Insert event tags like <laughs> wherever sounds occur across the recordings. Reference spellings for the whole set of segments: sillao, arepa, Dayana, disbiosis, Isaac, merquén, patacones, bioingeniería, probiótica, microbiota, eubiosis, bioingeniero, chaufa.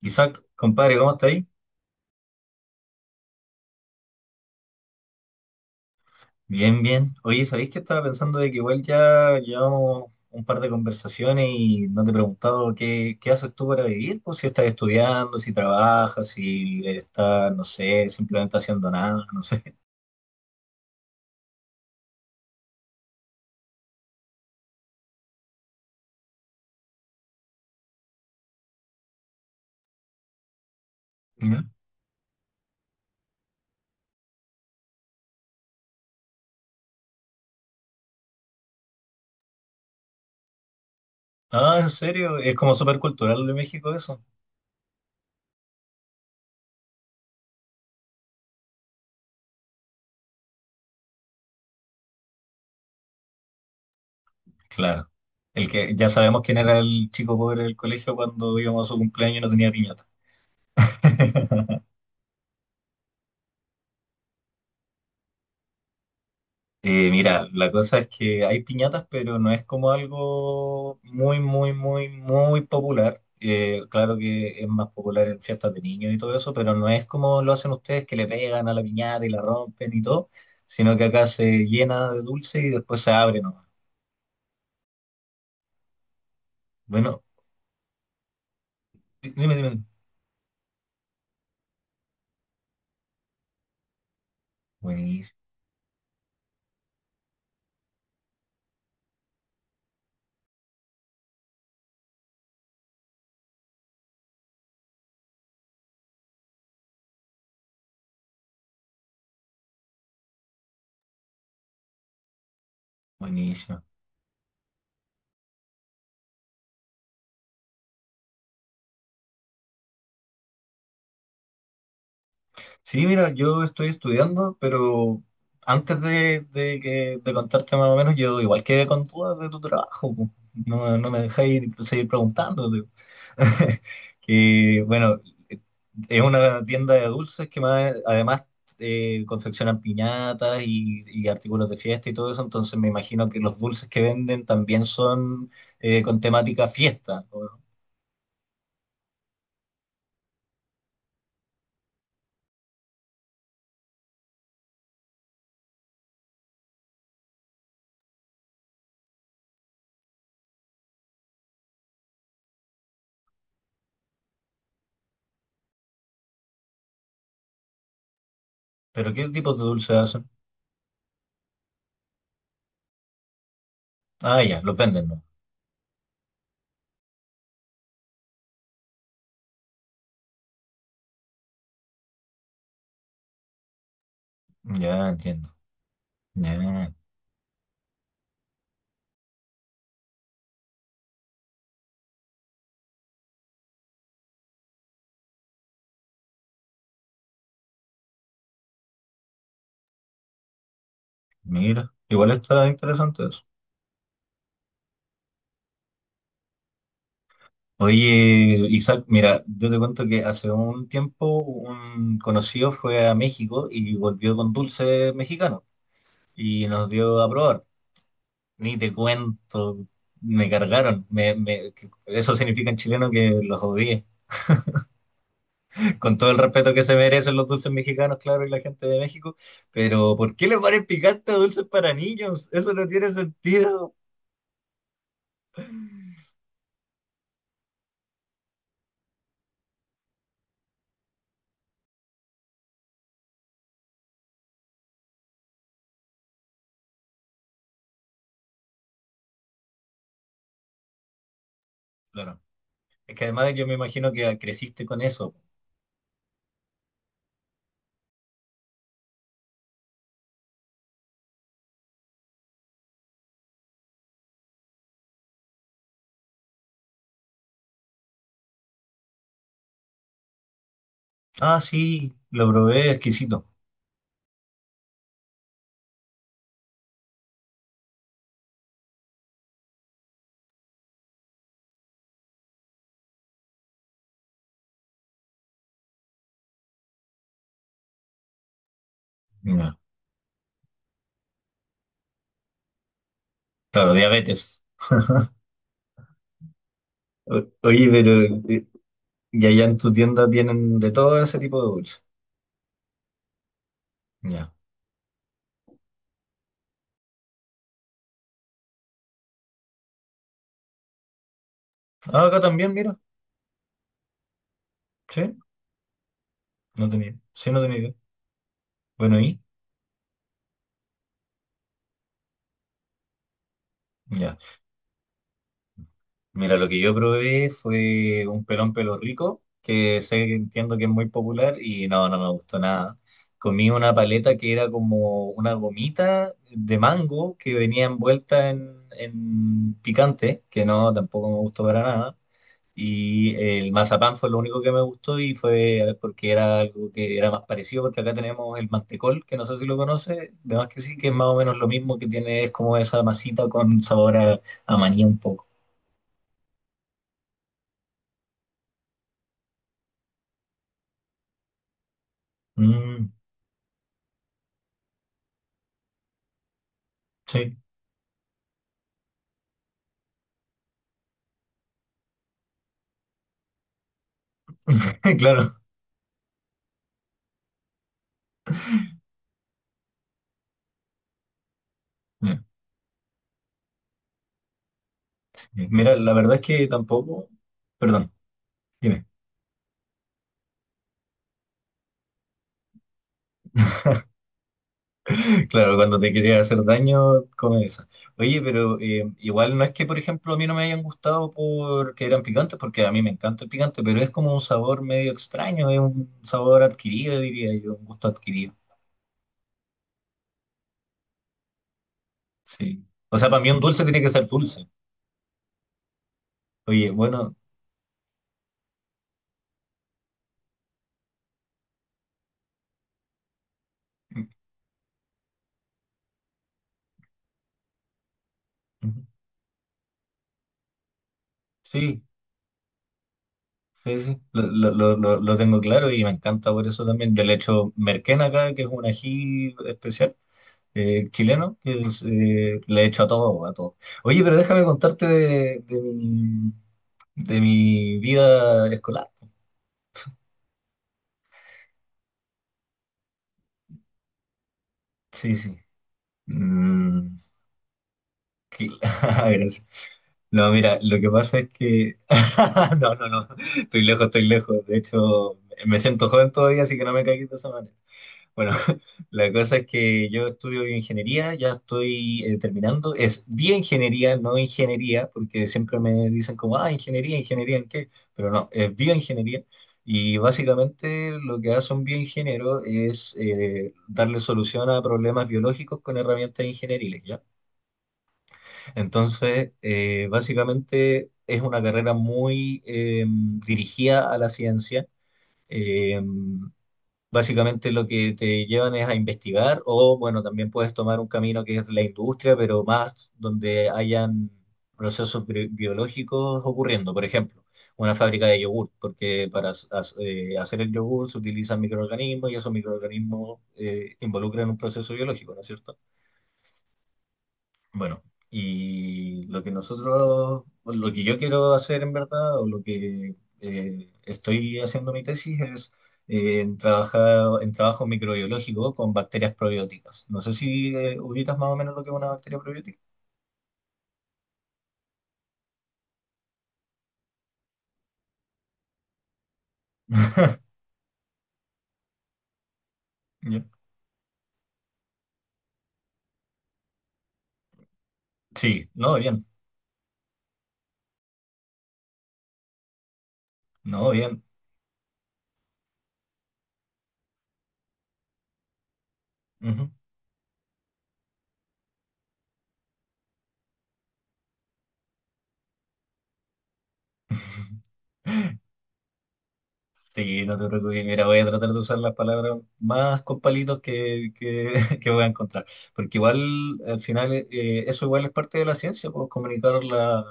Isaac, compadre, ¿cómo está ahí? Bien, bien. Oye, ¿sabéis que estaba pensando de que igual ya llevamos un par de conversaciones y no te he preguntado qué haces tú para vivir? Pues si estás estudiando, si trabajas, si estás, no sé, simplemente haciendo nada, no sé. ¿Ya? <laughs> Ah, ¿en serio? Es como súper cultural de México eso. Claro. El que ya sabemos quién era el chico pobre del colegio cuando íbamos a su cumpleaños y no tenía piñata. <laughs> Mira, la cosa es que hay piñatas, pero no es como algo muy, muy, muy, muy popular. Claro que es más popular en fiestas de niños y todo eso, pero no es como lo hacen ustedes que le pegan a la piñata y la rompen y todo, sino que acá se llena de dulce y después se abre nomás. Bueno, dime, dime. Buenísimo, buenísimo. Sí, mira, yo estoy estudiando, pero antes de contarte más o menos, yo igual quedé con dudas de tu trabajo. Po. No, no me dejáis seguir preguntándote. <laughs> Que, bueno, es una tienda de dulces que además confeccionan piñatas y artículos de fiesta y todo eso, entonces me imagino que los dulces que venden también son con temática fiesta, ¿no? ¿Pero qué tipos de dulces hacen? Ah, ya, los venden, ¿no? Ya, entiendo. Ya. Mira, igual está interesante eso. Oye, Isaac, mira, yo te cuento que hace un tiempo un conocido fue a México y volvió con dulce mexicano y nos dio a probar. Ni te cuento, me cargaron. Me. Eso significa en chileno que los odié. <laughs> Con todo el respeto que se merecen los dulces mexicanos, claro, y la gente de México, pero ¿por qué le ponen picante a dulces para niños? Eso no tiene sentido. Claro, es que además yo me imagino que creciste con eso. Ah, sí, lo probé, exquisito. Mira, claro, diabetes. Oye, pero eh, y allá en tu tienda tienen de todo ese tipo de dulces. Ya. Ah, acá también, mira. Sí, sí, no tenía idea. Bueno, y ya. Mira, lo que yo probé fue un Pelón Pelo Rico, que sé que entiendo que es muy popular y no, no me gustó nada. Comí una paleta que era como una gomita de mango que venía envuelta en picante, que no, tampoco me gustó para nada. Y el mazapán fue lo único que me gustó y fue porque era algo que era más parecido, porque acá tenemos el mantecol, que no sé si lo conoce, de más que sí, que es más o menos lo mismo que tiene, es como esa masita con sabor a maní un poco. Mm, sí, <laughs> claro. Mira, la verdad es que tampoco, perdón, dime. Claro, cuando te quería hacer daño, come esa. Oye, pero igual no es que, por ejemplo, a mí no me hayan gustado porque eran picantes, porque a mí me encanta el picante, pero es como un sabor medio extraño, es un sabor adquirido, diría yo, un gusto adquirido. Sí. O sea, para mí un dulce tiene que ser dulce. Oye, bueno, mm, ujú, sí, sí, sí, lo tengo claro y me encanta por eso también. Yo le echo merquén acá, que es un ají especial. Chileno que es, le he hecho a todo, a todo. Oye, pero déjame contarte de mi vida escolar. Sí, sí. Mm, <laughs> gracias. No, mira, lo que pasa es que... <laughs> No, no, no, estoy lejos, estoy lejos. De hecho, me siento joven todavía, así que no me caigas de esa manera. Bueno, <laughs> la cosa es que yo estudio bioingeniería, ya estoy terminando. Es bioingeniería, no ingeniería, porque siempre me dicen como, ah, ¿en qué? Pero no, es bioingeniería. Y básicamente lo que hace un bioingeniero es darle solución a problemas biológicos con herramientas ingenieriles, ¿ya? Entonces, básicamente es una carrera muy dirigida a la ciencia. Eh, Básicamente lo que te llevan es a investigar o, bueno, también puedes tomar un camino que es la industria, pero más donde hayan procesos biológicos ocurriendo. Por ejemplo, una fábrica de yogur, porque para hacer el yogur se utilizan microorganismos y esos microorganismos involucran un proceso biológico, ¿no es cierto? Bueno, y lo que nosotros, o lo que yo quiero hacer en verdad, o lo que estoy haciendo mi tesis es trabajar, en trabajo microbiológico con bacterias probióticas. No sé si ubicas más o menos lo que es una bacteria probiótica. Ya. Sí, no, bien, no, bien. Ujú. <laughs> Sí, no te preocupes, mira, voy a tratar de usar las palabras más con palitos <laughs> que voy a encontrar, porque igual al final eso igual es parte de la ciencia, pues comunicar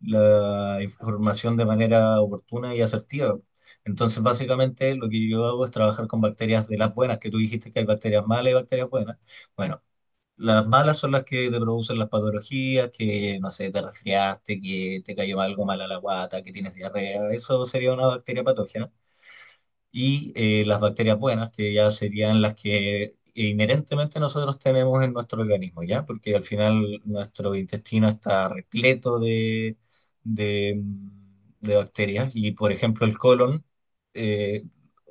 la información de manera oportuna y asertiva. Entonces, básicamente lo que yo hago es trabajar con bacterias de las buenas, que tú dijiste que hay bacterias malas y bacterias buenas. Bueno, las malas son las que te producen las patologías, que, no sé, te resfriaste, que te cayó algo mal a la guata, que tienes diarrea, eso sería una bacteria patógena y las bacterias buenas, que ya serían las que inherentemente nosotros tenemos en nuestro organismo, ¿ya? Porque al final nuestro intestino está repleto de, mm, de bacterias y, por ejemplo, el colon, eh,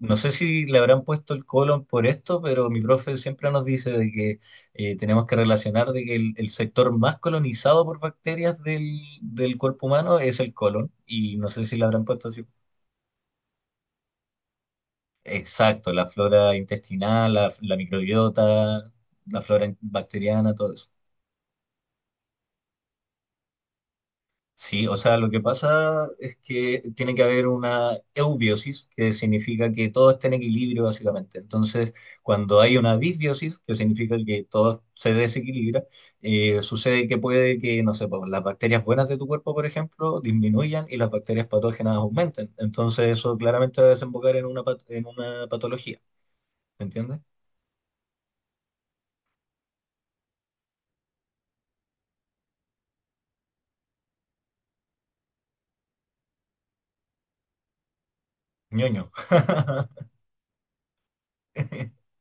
no sé si le habrán puesto el colon por esto, pero mi profe siempre nos dice de que tenemos que relacionar de que el sector más colonizado por bacterias del cuerpo humano es el colon y no sé si le habrán puesto así. Exacto, la flora intestinal, la microbiota, la bacteriana, todo eso. Sí, o sea, lo que pasa es que tiene que haber una eubiosis, que significa que todo está en equilibrio básicamente. Entonces, cuando hay una disbiosis, que significa que todo se desequilibra, sucede que puede que, no sé, pues, las bacterias buenas de tu cuerpo, por ejemplo, disminuyan y las bacterias patógenas aumenten. Entonces, eso claramente va a desembocar en en una patología, ¿entiendes? Ñoño. <laughs> <laughs>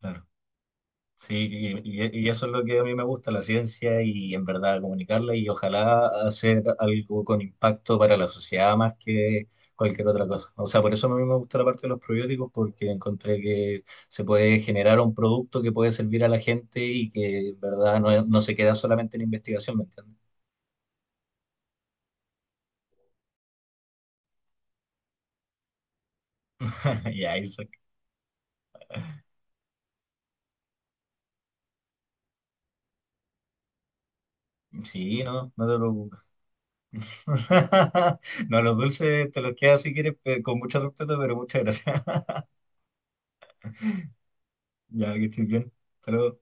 Claro. Sí, y eso es lo que a mí me gusta, la ciencia y en verdad comunicarla y ojalá hacer algo con impacto para la sociedad más que cualquier otra cosa. O sea, por eso a mí me gusta la parte de los probióticos porque encontré que se puede generar un producto que puede servir a la gente y que en verdad no, no se queda solamente en investigación, ¿me entiendes? <laughs> Ya, Isaac. Sí, no, no te preocupes. <laughs> No, los dulces te los quedas si quieres, con mucho respeto, pero muchas gracias. <laughs> Ya, que estés bien. Hasta luego.